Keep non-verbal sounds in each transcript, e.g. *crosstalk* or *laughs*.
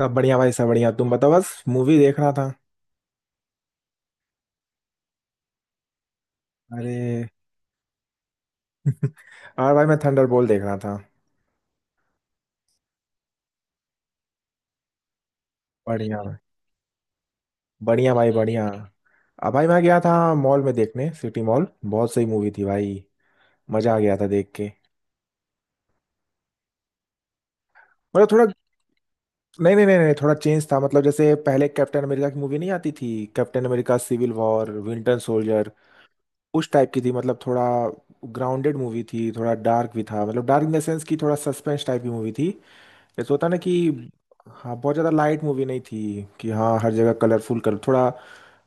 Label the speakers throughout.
Speaker 1: सब बढ़िया भाई, सब बढ़िया। तुम बताओ, बस मूवी देख रहा था। अरे। और भाई, मैं थंडरबोल्ट देख रहा था। बढ़िया भाई। बढ़िया भाई, बढ़िया। अब भाई, मैं गया था मॉल में देखने, सिटी मॉल। बहुत सही मूवी थी भाई। मजा आ गया था देख के। मतलब थोड़ा। नहीं नहीं नहीं नहीं, थोड़ा चेंज था, मतलब जैसे पहले कैप्टन अमेरिका की मूवी नहीं आती थी। Captain America civil war, winter soldier, उस टाइप की थी। मतलब थोड़ा ग्राउंडेड मूवी थी, थोड़ा डार्क भी था। मतलब डार्क इन द सेंस की थोड़ा सस्पेंस टाइप की मूवी थी। जैसे होता है ना कि हाँ, बहुत ज़्यादा लाइट मूवी नहीं थी कि हाँ हर जगह कलरफुल कर। थोड़ा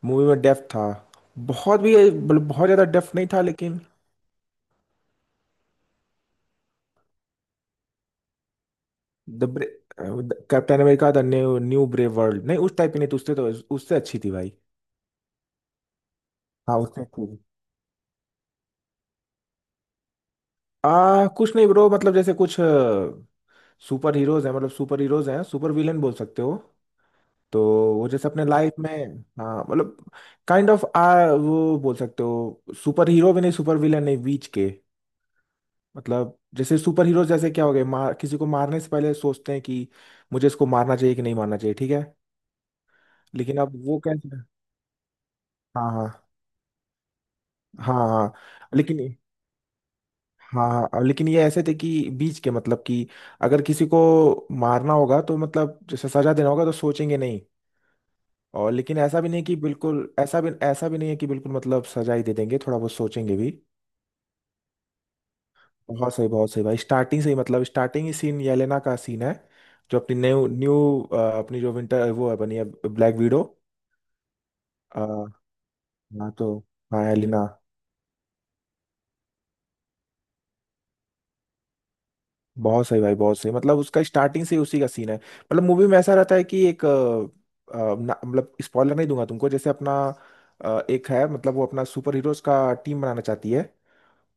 Speaker 1: मूवी में डेप्थ था। बहुत भी, मतलब बहुत ज़्यादा डेप्थ नहीं था, लेकिन। The, captain America the new new brave world, नहीं उस टाइप की नहीं थी उससे तो। उससे अच्छी थी भाई। हाँ उससे अच्छी थी। कुछ नहीं ब्रो, मतलब जैसे कुछ सुपर हीरोज हैं, मतलब सुपर हीरोज हैं, सुपर विलेन बोल सकते हो। तो वो जैसे अपने लाइफ में, हाँ मतलब काइंड ऑफ आ वो बोल सकते हो, सुपर हीरो भी नहीं, सुपर विलेन नहीं, बीच के। मतलब जैसे सुपर हीरो जैसे क्या हो गए, मार, किसी को मारने से पहले सोचते हैं कि मुझे इसको मारना चाहिए कि नहीं मारना चाहिए, ठीक है। लेकिन अब वो कैसे। हाँ हाँ हाँ हाँ। लेकिन हाँ हाँ, अब लेकिन ये ऐसे थे कि बीच के, मतलब कि अगर किसी को मारना होगा तो मतलब जैसे सजा देना होगा तो सोचेंगे नहीं। और लेकिन ऐसा भी नहीं कि बिल्कुल, ऐसा भी नहीं है कि बिल्कुल मतलब सजा ही दे देंगे, थोड़ा बहुत सोचेंगे भी। बहुत सही भाई, स्टार्टिंग से ही मतलब स्टार्टिंग ही सीन येलेना का सीन है। जो अपनी न्यू न्यू अपनी जो विंटर वो है बनी है, ब्लैक विडो। अ, हाँ तो। हाँ एलिना। बहुत सही भाई बहुत सही, मतलब उसका स्टार्टिंग से ही उसी का सीन है। मतलब मूवी में ऐसा रहता है कि एक मतलब स्पॉइलर नहीं दूंगा तुमको, जैसे अपना एक है। मतलब वो अपना सुपर हीरोज का टीम बनाना चाहती है।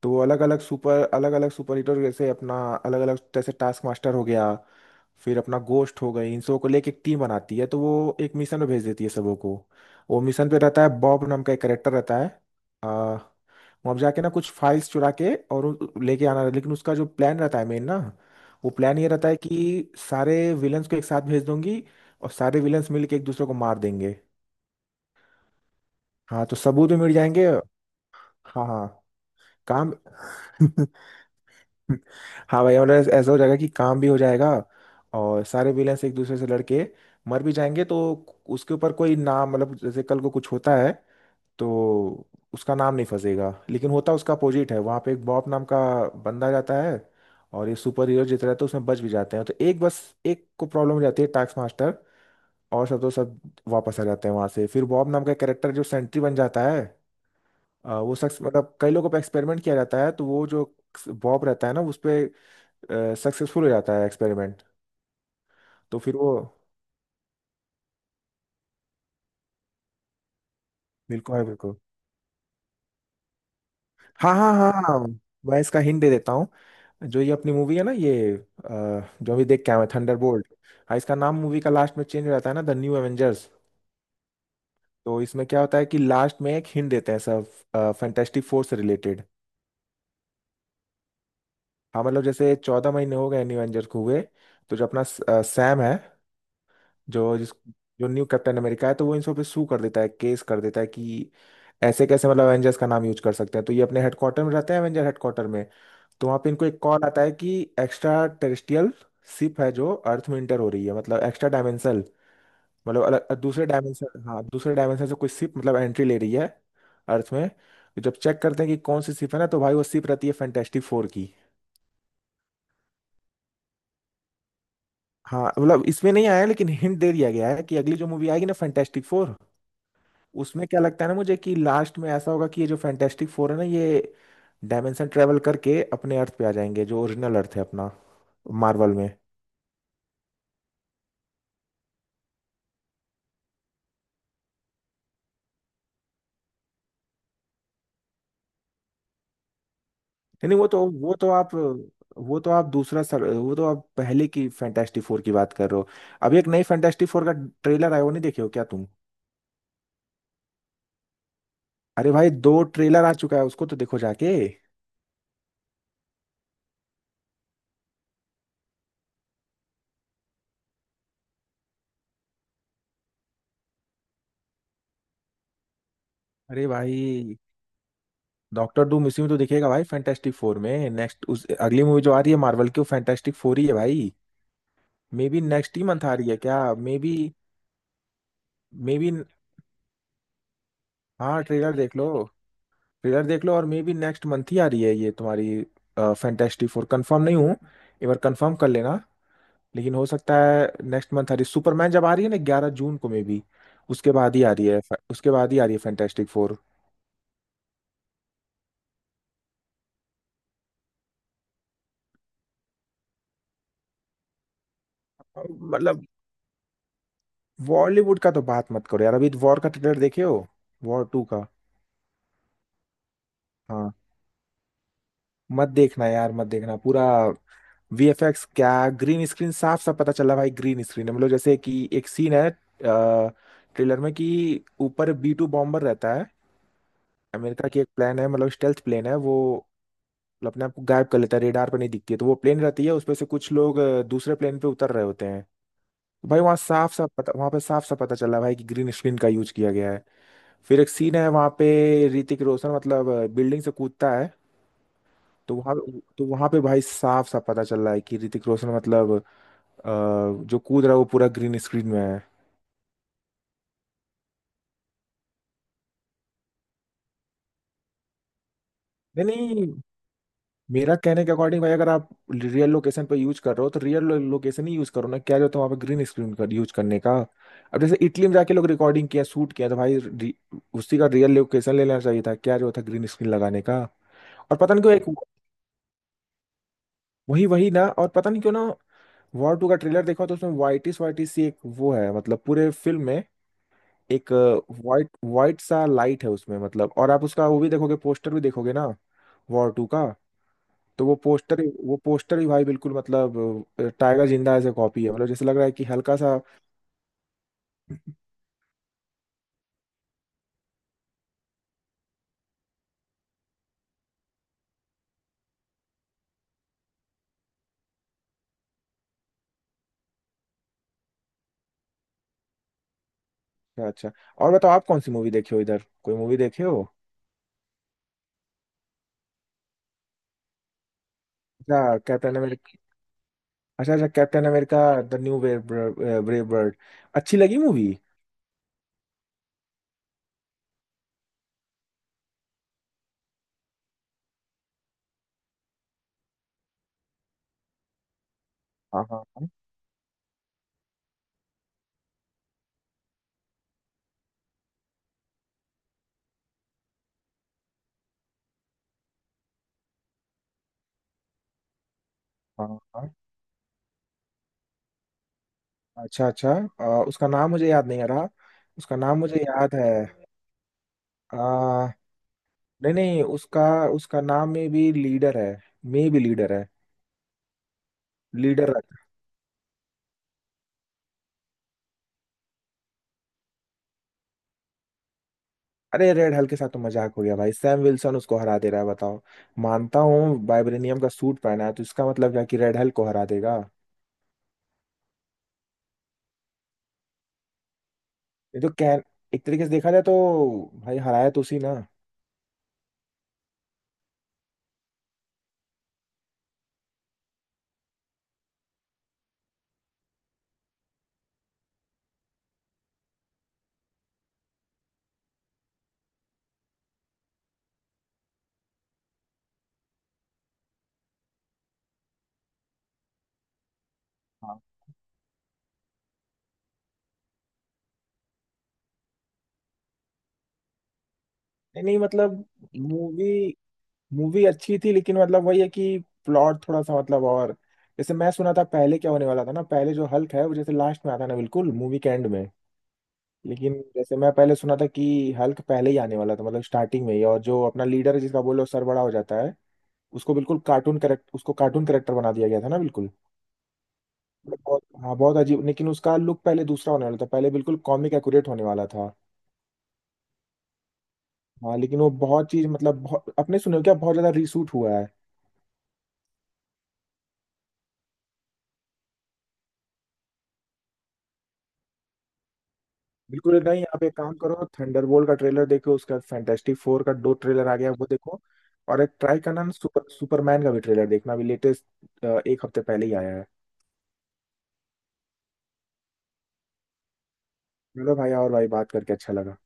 Speaker 1: तो वो अलग अलग सुपर हीरो जैसे अपना अलग अलग जैसे टास्क मास्टर हो गया, फिर अपना गोस्ट हो गई, इन सबको लेके एक टीम बनाती है। तो वो एक मिशन में भेज देती है सबों को। वो मिशन पे रहता है, बॉब नाम का एक करेक्टर रहता है। आ, वहाँ पे जाके ना कुछ फाइल्स चुरा के और लेके आना। लेकिन उसका जो प्लान रहता है मेन ना, वो प्लान ये रहता है कि सारे विलन्स को एक साथ भेज दूंगी, और सारे विलन्स मिलके एक दूसरे को मार देंगे। हाँ तो सबूत भी मिल जाएंगे। हाँ हाँ। काम। *laughs* हाँ भाई, और ऐसा हो जाएगा कि काम भी हो जाएगा, और सारे विलेंस एक दूसरे से लड़के मर भी जाएंगे तो उसके ऊपर कोई नाम, मतलब जैसे कल को कुछ होता है तो उसका नाम नहीं फंसेगा। लेकिन होता उसका अपोजिट है। वहाँ पे एक बॉब नाम का बंदा जाता है, और ये सुपर हीरो जितना रहता है तो उसमें बच भी जाते हैं, तो एक बस एक को प्रॉब्लम हो जाती है, टास्क मास्टर। और सब तो सब वापस आ जाते हैं वहाँ से। फिर बॉब नाम का कैरेक्टर जो सेंट्री बन जाता है, वो शख्स, मतलब कई लोगों पर एक्सपेरिमेंट किया जाता है तो वो जो बॉब रहता है ना उस पे सक्सेसफुल हो जाता है एक्सपेरिमेंट। तो फिर वो। बिल्कुल है बिल्कुल। हाँ हाँ हाँ हाँ। मैं इसका हिंट दे देता हूँ। जो ये अपनी मूवी है ना ये, जो अभी देख के आए हैं, थंडरबोल्ट। हाँ, इसका नाम मूवी का लास्ट में चेंज हो जाता है ना, द न्यू एवेंजर्स। तो इसमें क्या होता है कि लास्ट में एक हिंट देते हैं सब, फैंटेस्टिक फोर से रिलेटेड। हाँ मतलब जैसे 14 महीने हो गए न्यू एवेंजर्स को हुए। तो जो अपना सैम है, जो जिस जो न्यू कैप्टन अमेरिका है, तो वो इन सब पे सू कर देता है, केस कर देता है कि ऐसे कैसे, मतलब एवेंजर्स का नाम यूज कर सकते हैं। तो ये अपने हेडक्वार्टर में रहते हैं, एवेंजर हेडक्वार्टर में। तो वहाँ पे इनको एक कॉल आता है कि एक्स्ट्रा टेरेस्ट्रियल शिप है जो अर्थ में इंटर हो रही है, मतलब एक्स्ट्रा डायमेंशनल, मतलब अलग दूसरे डायमेंशन, हाँ दूसरे डायमेंशन से कोई शिप मतलब एंट्री ले रही है अर्थ में। तो जब चेक करते हैं कि कौन सी शिप है ना, तो भाई वो शिप रहती है फैंटेस्टिक फोर की। हाँ मतलब इसमें नहीं आया, लेकिन हिंट दे दिया गया है कि अगली जो मूवी आएगी ना, फैंटेस्टिक फोर, उसमें क्या लगता है ना मुझे कि लास्ट में ऐसा होगा कि ये जो फैंटेस्टिक फोर है ना, ये डायमेंशन ट्रेवल करके अपने अर्थ पे आ जाएंगे, जो ओरिजिनल अर्थ है अपना मार्वल में। नहीं, नहीं वो तो आप पहले की फैंटेस्टिक फोर की बात कर रहे हो। अभी एक नई फैंटेस्टिक फोर का ट्रेलर आया, वो नहीं देखे हो क्या तुम? अरे भाई, दो ट्रेलर आ चुका है उसको, तो देखो जाके। अरे भाई। डॉक्टर डूम इसी में तो दिखेगा भाई, फैंटेस्टिक फोर में, नेक्स्ट उस अगली मूवी जो आ रही है मार्वल की वो फैंटेस्टिक फोर ही है भाई। मे बी नेक्स्ट ही मंथ आ रही है क्या, मे बी। Maybe. हाँ, ट्रेलर देख लो। ट्रेलर देख लो, और मे बी नेक्स्ट मंथ ही आ रही है ये तुम्हारी फैंटेस्टिक फोर, कंफर्म नहीं हूँ, एक बार कंफर्म कर लेना। लेकिन हो सकता है नेक्स्ट मंथ आ रही सुपरमैन जब आ रही है ना 11 जून को, मे बी उसके बाद ही आ रही है। उसके बाद ही आ रही है फैंटेस्टिक फोर। मतलब बॉलीवुड का तो बात मत करो यार, अभी वॉर का ट्रेलर देखे हो, वॉर टू का? हाँ, मत देखना यार, मत देखना पूरा। वीएफएक्स क्या, ग्रीन स्क्रीन साफ साफ पता चला भाई ग्रीन स्क्रीन है। मतलब जैसे कि एक सीन है ट्रेलर में कि ऊपर B2 बॉम्बर रहता है, अमेरिका की एक प्लेन है, मतलब स्टेल्थ प्लेन है वो, मतलब अपने आप को गायब कर लेता है, रेडार पर नहीं दिखती है। तो वो प्लेन रहती है उसपे से कुछ लोग दूसरे प्लेन पे उतर रहे होते हैं। तो भाई वहाँ साफ साफ पता, वहाँ पे साफ साफ पता चला भाई कि ग्रीन स्क्रीन का यूज किया गया है। फिर एक सीन है वहाँ पे, ऋतिक रोशन मतलब बिल्डिंग से कूदता है। तो वहाँ, तो वहाँ पे भाई साफ साफ पता चल रहा है कि ऋतिक रोशन मतलब अ, जो कूद रहा है वो पूरा ग्रीन स्क्रीन में है। नहीं नहीं, मेरा कहने के अकॉर्डिंग भाई, अगर आप रियल लोकेशन पे यूज कर रहे हो तो रियल लोकेशन ही यूज करो ना, क्या जो तुम वहाँ पे ग्रीन स्क्रीन कर यूज करने का। अब जैसे इटली में जाके लोग रिकॉर्डिंग किया, शूट किया, तो भाई उसी का रियल लोकेशन ले लेना चाहिए था, क्या जो था ग्रीन स्क्रीन लगाने का। और पता नहीं क्यों एक, वही वही ना, और पता नहीं क्यों ना, वॉर टू का ट्रेलर देखा तो उसमें वाइटिस वाइटिस सी एक वो है, मतलब पूरे फिल्म में एक वाइट वाइट सा लाइट है उसमें, मतलब। और आप उसका वो भी देखोगे, पोस्टर भी देखोगे ना, वॉर टू का। तो वो पोस्टर भी भाई बिल्कुल मतलब टाइगर जिंदा ऐसे कॉपी है, मतलब जैसे लग रहा है कि हल्का सा। अच्छा। और बताओ आप कौन सी मूवी देखे हो, इधर कोई मूवी देखे हो? अच्छा कैप्टन अमेरिका, अच्छा अच्छा captain America. The new brave bird, अच्छी लगी मूवी? हाँ हाँ हाँ हाँ हाँ। अच्छा अच्छा। उसका नाम मुझे याद नहीं आ रहा। उसका नाम मुझे याद है। आ, नहीं नहीं उसका, उसका नाम में भी लीडर है, में भी लीडर है। लीडर रख। अरे रेड हल्क के साथ तो मजाक हो गया भाई, सैम विल्सन उसको हरा दे रहा है बताओ। मानता हूँ वाइब्रेनियम का सूट पहना है, तो इसका मतलब क्या कि रेड हल्क को हरा देगा। ये तो कैन, एक तरीके से देखा जाए तो भाई हराया तो उसी ना। हाँ। नहीं नहीं मतलब, मूवी, मूवी अच्छी थी लेकिन मतलब वही है कि प्लॉट थोड़ा सा मतलब, और जैसे मैं सुना था पहले क्या होने वाला था ना, पहले जो हल्क है वो जैसे लास्ट में आता है ना, बिल्कुल मूवी के एंड में। लेकिन जैसे मैं पहले सुना था कि हल्क पहले ही आने वाला था, मतलब स्टार्टिंग में ही, और जो अपना लीडर है जिसका बोलो सर बड़ा हो जाता है, उसको बिल्कुल कार्टून करेक्टर बना दिया गया था ना, बिल्कुल। मतलब बहुत हाँ, बहुत अजीब, लेकिन उसका लुक पहले दूसरा होने वाला था, पहले बिल्कुल कॉमिक एक्यूरेट होने वाला था। हाँ लेकिन वो बहुत चीज मतलब बहुत, अपने सुने हो क्या, बहुत ज्यादा रीशूट हुआ है। बिल्कुल नहीं, आप एक काम करो, थंडरबोल्ट का ट्रेलर देखो, उसका फैंटास्टिक फोर का दो ट्रेलर आ गया वो देखो। और एक ट्राई करना ना, सुपरमैन का भी ट्रेलर देखना, अभी लेटेस्ट एक हफ्ते पहले ही आया है। चलो भाई, और भाई बात करके अच्छा लगा।